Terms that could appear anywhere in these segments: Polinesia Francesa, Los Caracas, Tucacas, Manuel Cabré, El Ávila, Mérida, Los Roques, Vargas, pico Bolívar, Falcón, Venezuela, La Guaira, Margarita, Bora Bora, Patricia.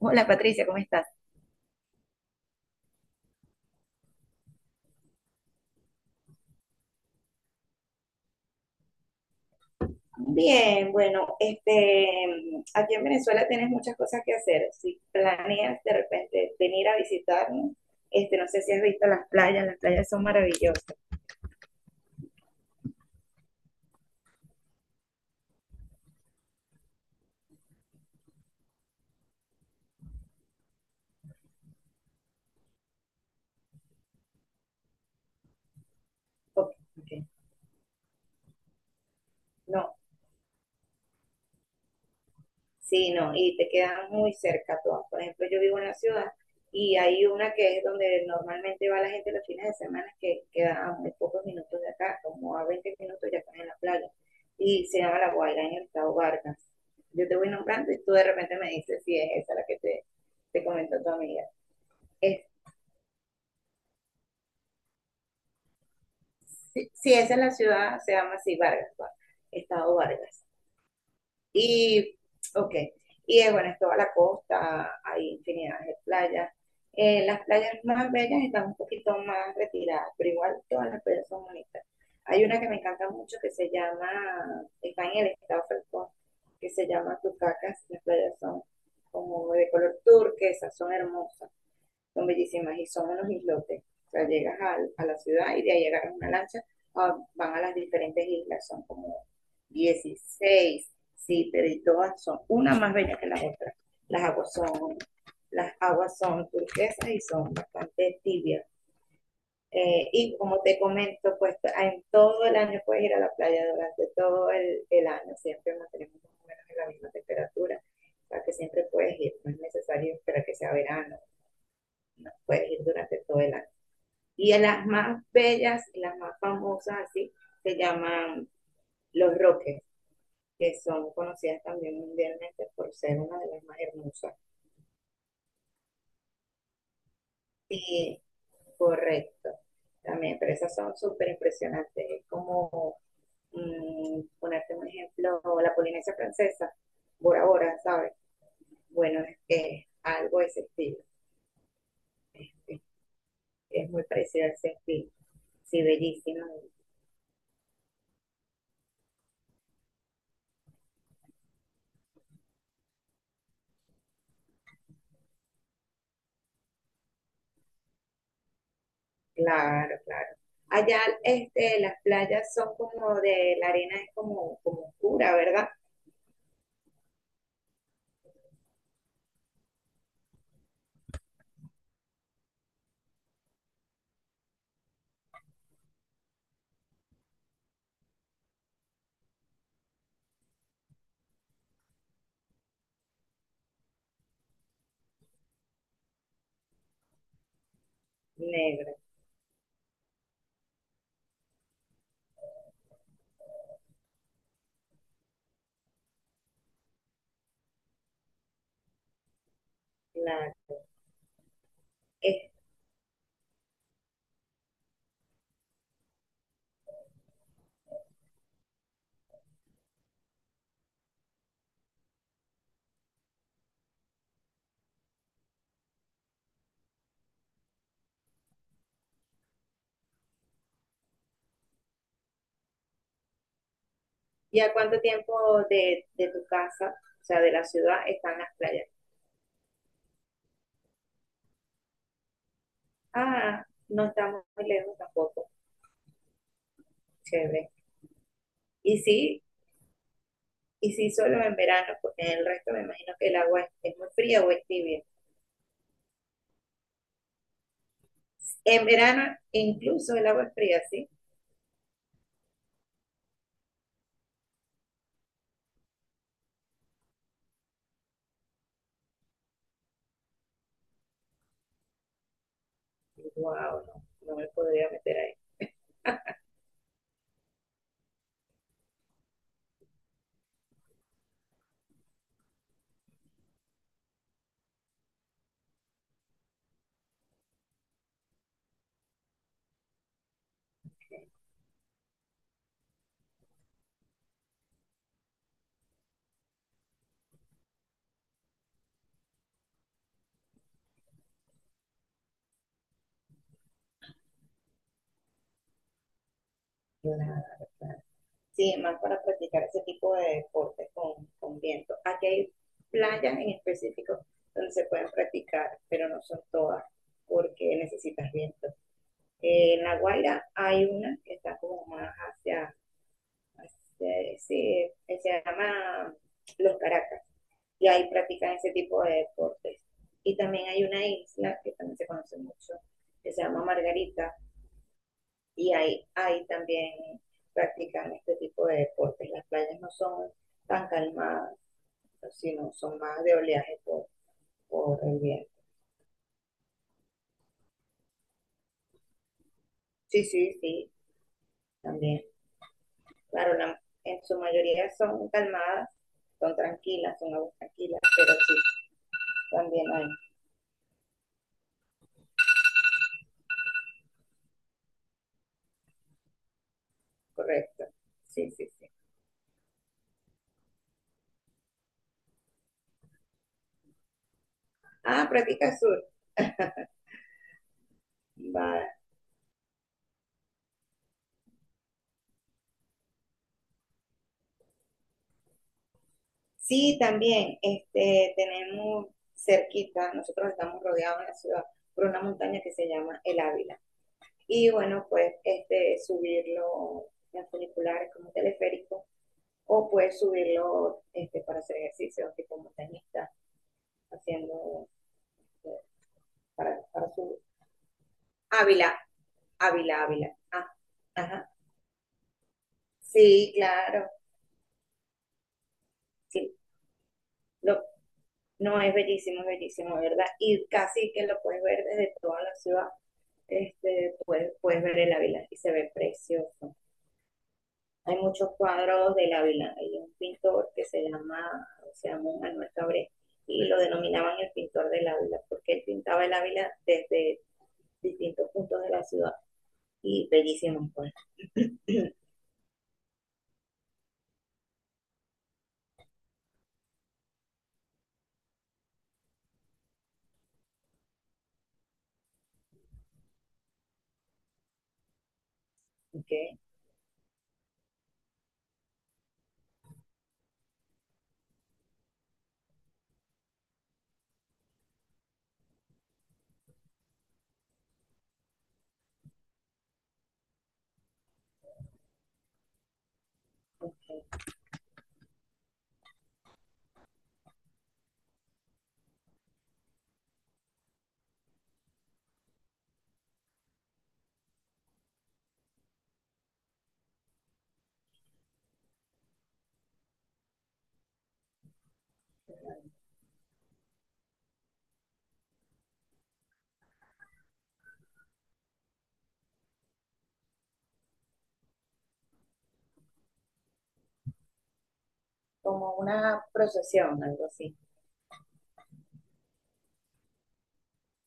Hola Patricia, ¿cómo estás? Bien, bueno, aquí en Venezuela tienes muchas cosas que hacer. Si planeas de repente venir a visitarnos, no sé si has visto las playas son maravillosas. Ok, ok. No, sí, no, y te quedan muy cerca todas. Por ejemplo, yo vivo en la ciudad y hay una que es donde normalmente va la gente los fines de semana, que queda a muy pocos minutos de acá, como a 20 minutos ya estás en la playa. Y se llama La Guaira en el estado Vargas. Yo te voy nombrando y tú de repente me dices si es esa la que te comentó tu amiga. Es, sí, sí, esa es la ciudad, se llama así, Vargas, estado Vargas. Y, ok. Bueno, es toda la costa, hay infinidad de playas. Las playas más bellas están un poquito más retiradas, pero igual todas las playas son bonitas. Hay una que me encanta mucho que se llama, está en el estado Falcón, que se llama Tucacas. Las playas son como de color turquesa, son hermosas, son bellísimas y son unos islotes. O sea, llegas la ciudad y de ahí agarras una lancha, ah, van a las diferentes islas, son como 16, sí, pero y todas son una más bella que la otra. Las aguas son, las aguas son turquesas y son bastante tibias. Y como te comento, pues en todo el año puedes ir a la playa durante todo el año, siempre mantenemos más o menos en la misma temperatura, o sea que siempre puedes ir, no es necesario esperar que sea verano, puedes ir durante todo el año. Y en las más bellas y las más famosas, así, se llaman Los Roques, que son conocidas también mundialmente por ser una de las más hermosas. Sí, correcto, también, pero esas son súper impresionantes. Es como ponerte un ejemplo, la Polinesia Francesa, Bora Bora, ¿sabes? Bueno, es que algo de ese estilo, es, es es muy parecido a ese estilo. Sí, bellísima. Claro, claro. Allá, las playas son como de, la arena es como, como oscura, ¿verdad? Negra. Claro. Es- ¿Y a cuánto tiempo de tu casa, o sea, de la ciudad, están las playas? Ah, no estamos muy lejos tampoco. Chévere. Y sí, y sí, solo en verano, porque en el resto me imagino que el agua es muy fría o es tibia. En verano incluso el agua es fría, ¿sí? Wow, no, no me podría meter ahí. Sí, más para practicar ese tipo de deportes con viento. Aquí hay playas en específico donde se pueden practicar, pero no son todas porque necesitas viento. En La Guaira hay una que está como más sí, que se llama Los Caracas, y ahí practican ese tipo de deportes. Y también hay una isla que también se conoce mucho, que se llama Margarita, y ahí también practican este tipo de deportes. Las playas no son tan calmadas, sino son más de oleaje por el viento. Sí, sí, sí, también. Claro, la, en su mayoría son calmadas, son tranquilas, son aguas tranquilas, pero sí, también hay, correcto. Sí, sí, sí. Ah, practica sur. Va. Sí, también, tenemos cerquita, nosotros estamos rodeados en la ciudad por una montaña que se llama El Ávila. Y bueno, pues subirlo en funiculares como teleférico o pues subirlo para hacer ejercicio tipo montañista, haciendo eh, para subir. Ávila, Ávila, Ávila. Ah, ajá. Sí, claro. Sí. Lo, no, es bellísimo, ¿verdad? Y casi que lo puedes ver desde toda la ciudad. Puedes ver el Ávila y se ve precioso. Hay muchos cuadros de Ávila. Hay un pintor que se llama Manuel Cabré y lo denominaban el pintor del Ávila porque él pintaba el Ávila desde distintos puntos de la ciudad y bellísimo, pues. Okay. Ok. Como una procesión, algo así.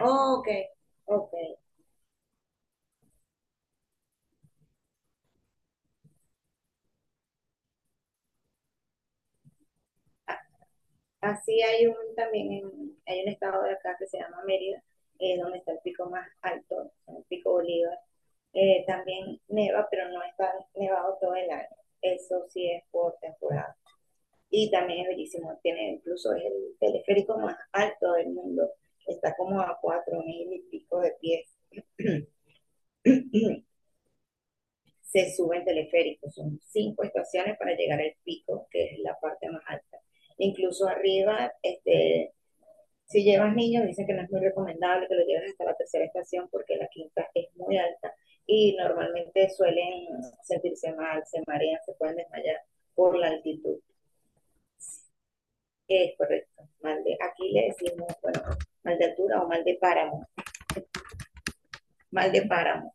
Oh, ok, ok. Así hay un también, hay un estado de acá que se llama Mérida, donde está el pico más alto, el pico Bolívar. También neva, pero no está nevado todo el año. Eso sí es por temporada. Y también es bellísimo, tiene incluso es el teleférico más alto del mundo. Está como a 4.000 y pico de pies. Se sube en teleférico, son cinco estaciones para llegar al pico, que es la parte más alta. Incluso arriba, si llevas niños, dicen que no es muy recomendable que lo lleves hasta la tercera estación porque la quinta es muy alta y normalmente suelen sentirse mal, se marean, se pueden desmayar por la altitud. Es correcto, aquí le decimos, bueno, mal de altura o mal de páramo,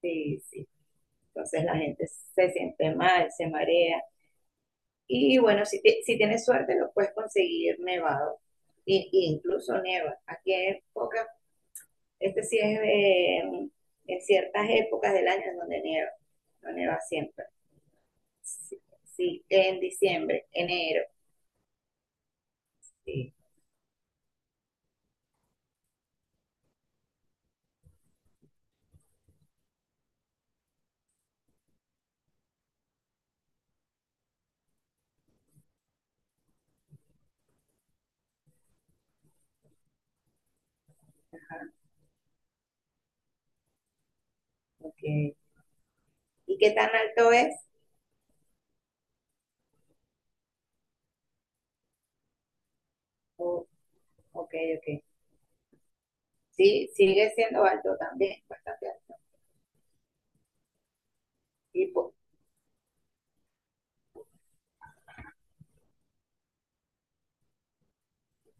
sí, sí. Entonces la gente se siente mal, se marea. Y bueno, si tienes suerte, lo puedes conseguir nevado. Y incluso nieva. Aquí hay pocas. Este sí es en ciertas épocas del año en donde nieva, no nieva siempre. Sí, sí, en diciembre, enero. Sí, okay. ¿Y qué tan alto es? Oh, ok, ok. Sí, sigue siendo alto también, bastante alto. Y pues,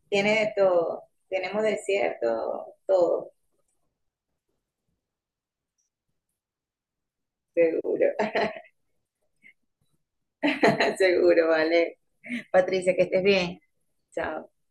tiene de todo. Tenemos desierto, todo. Seguro, seguro, vale. Patricia, que estés bien. Chao.